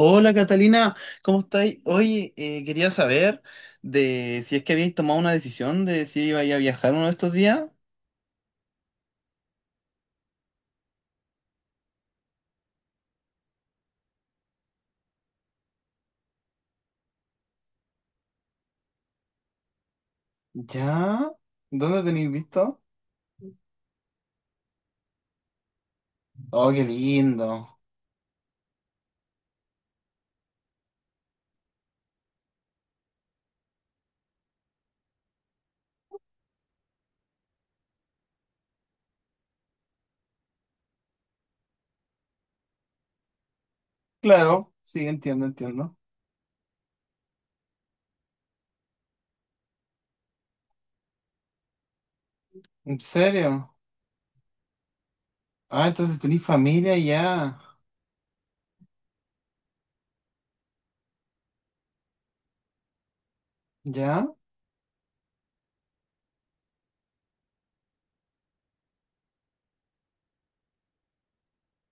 Hola Catalina, ¿cómo estáis? Oye, quería saber de si es que habéis tomado una decisión de si ibais a viajar uno de estos días. ¿Ya? ¿Dónde tenéis visto? Oh, qué lindo. Claro, sí, entiendo, entiendo. ¿En serio? Ah, entonces tenéis familia ya. ¿Ya?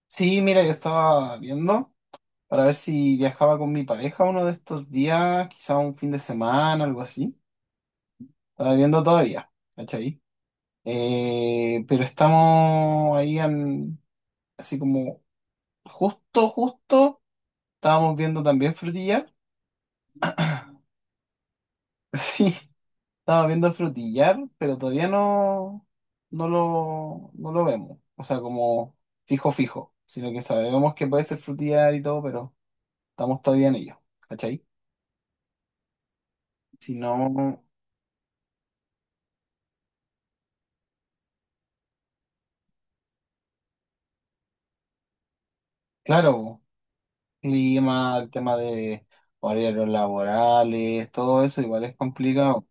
Sí, mira, yo estaba viendo para ver si viajaba con mi pareja uno de estos días, quizá un fin de semana, algo así. Estaba viendo todavía, ¿cachai? Pero estamos ahí así como justo, justo, estábamos viendo también Frutillar. Sí, estábamos viendo Frutillar, pero todavía no, no lo vemos. O sea, como fijo, fijo. Sino que sabemos que puede ser Frutillar y todo, pero estamos todavía en ello. ¿Cachai? Si no, claro, clima, el tema de horarios laborales, todo eso igual es complicado.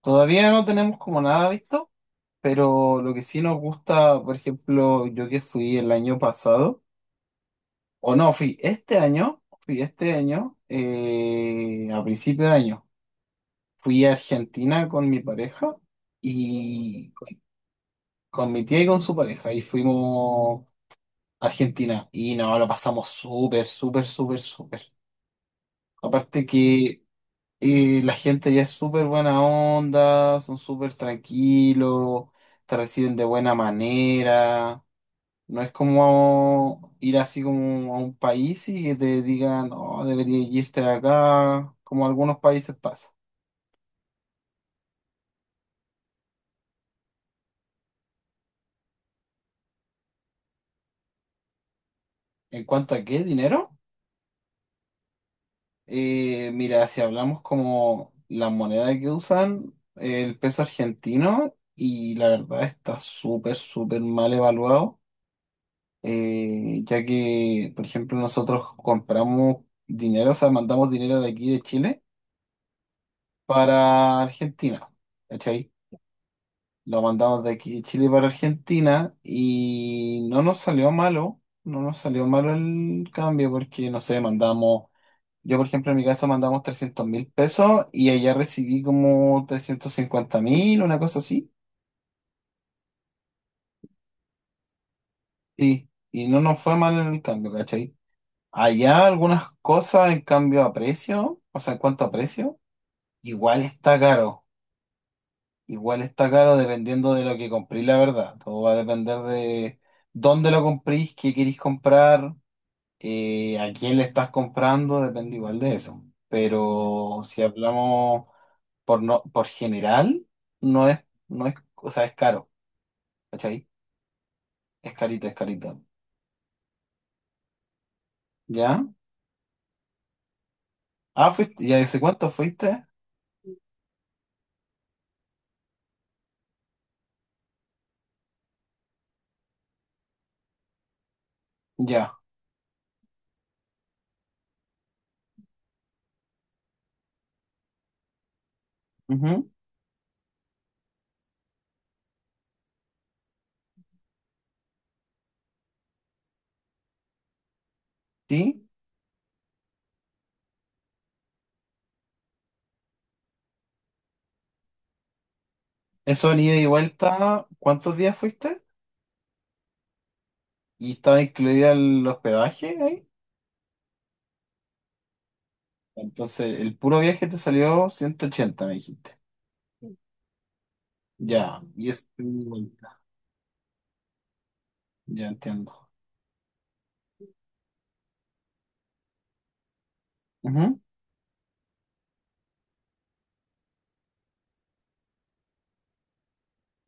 Todavía no tenemos como nada visto. Pero lo que sí nos gusta, por ejemplo, yo que fui el año pasado, o no, fui este año, a principio de año, fui a Argentina con mi pareja y con mi tía y con su pareja, y fuimos a Argentina, y no, lo pasamos súper, súper, súper, súper. Aparte que la gente ya es súper buena onda, son súper tranquilos, te reciben de buena manera. No es como ir así como a un país y que te digan, no, deberías irte de acá, como algunos países pasa. En cuanto a qué dinero, mira, si hablamos como la moneda que usan, el peso argentino, y la verdad está súper, súper mal evaluado, ya que, por ejemplo, nosotros compramos dinero, o sea, mandamos dinero de aquí de Chile para Argentina. ¿Cachai? Lo mandamos de aquí de Chile para Argentina y no nos salió malo el cambio porque, no sé, mandamos, yo por ejemplo en mi caso mandamos 300.000 pesos y allá recibí como 350.000, una cosa así, y no nos fue mal el cambio, ¿cachai? Allá algunas cosas en cambio a precio, o sea, en cuanto a precio, igual está caro, igual está caro dependiendo de lo que compré, la verdad, todo va a depender de dónde lo comprís, qué queréis comprar. A quién le estás comprando depende igual de eso. Pero si hablamos por general, no es, no es, o sea, es caro, ¿cachai? Es carito, es carito. ¿Ya? Ah, fuiste, ya yo sé cuánto fuiste. Ya. Ujú. Sí. Eso en ida y vuelta, ¿cuántos días fuiste? Y estaba incluida el hospedaje ahí. Entonces, el puro viaje te salió 180 me dijiste. Ya. Y eso en ida y vuelta. Ya entiendo. Ujú.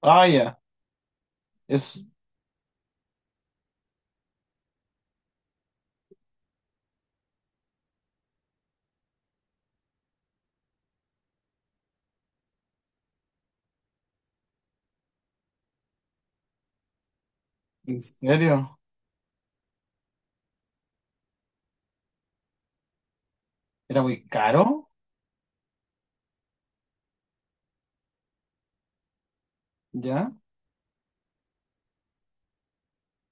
Ah, ya. Es ¿En serio? ¿Era muy caro? ¿Ya?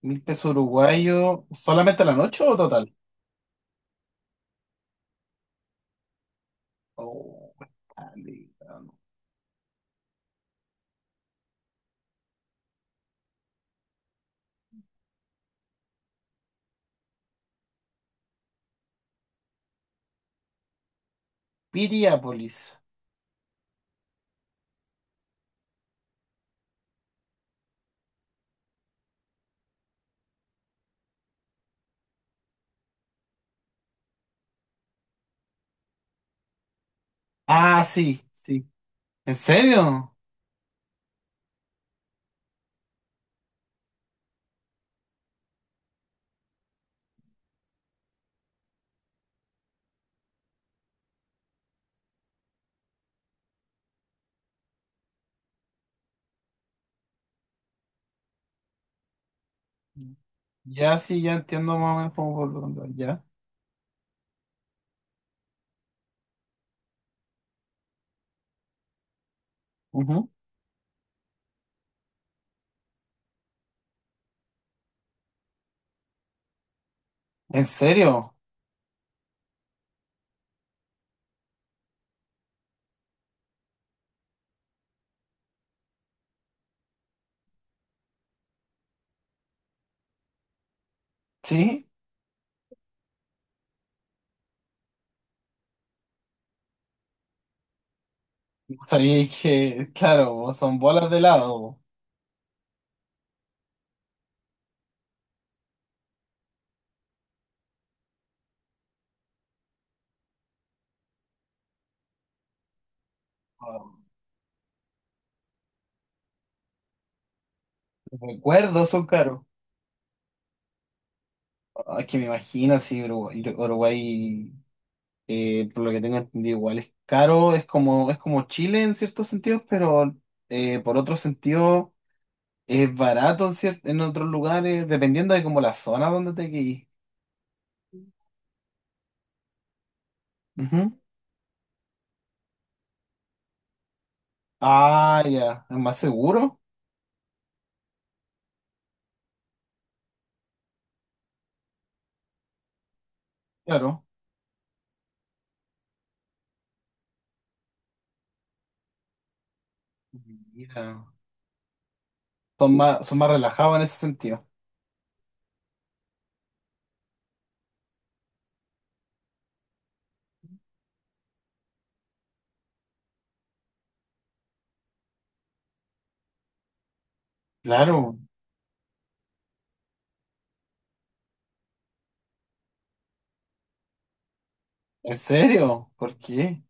¿1.000 pesos uruguayos solamente a la noche o total? Oh, dale, no. Piriápolis. Ah, sí, sí. ¿En serio? Ya sí, ya entiendo más o menos cómo por dónde va. Ya. Ujú. ¿En serio? Sí. Sabía que, claro, son bolas de helado. Los recuerdos son caros. Ah, es que me imagino si Uruguay, por lo que tengo entendido, igual es caro, es como, Chile en ciertos sentidos, pero por otro sentido es barato en otros lugares, dependiendo de como la zona donde te quedes. Ujú. Ah, ya, es más seguro, claro. Mira, son más, relajados en ese sentido. Claro, ¿en serio? ¿Por qué?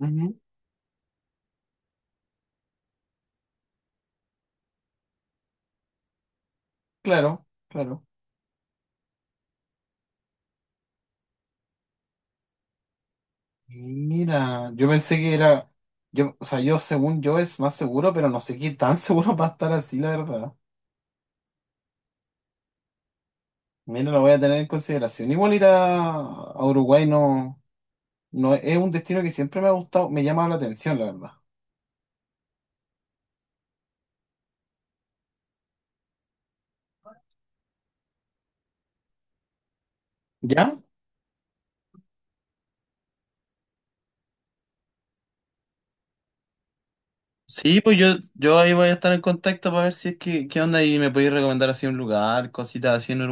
Ujú. Claro, claro. Mira, yo pensé que era, yo, o sea, yo según yo es más seguro, pero no sé qué tan seguro va a estar así, la verdad. Mira, lo voy a tener en consideración. Igual ir a Uruguay no es un destino que siempre me ha gustado, me llama la atención, la verdad. ¿Ya?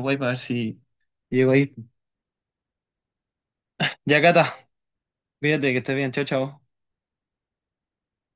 Voy para ver si llego ahí. Ya, Cata, cuídate, que estés bien, chao, chao.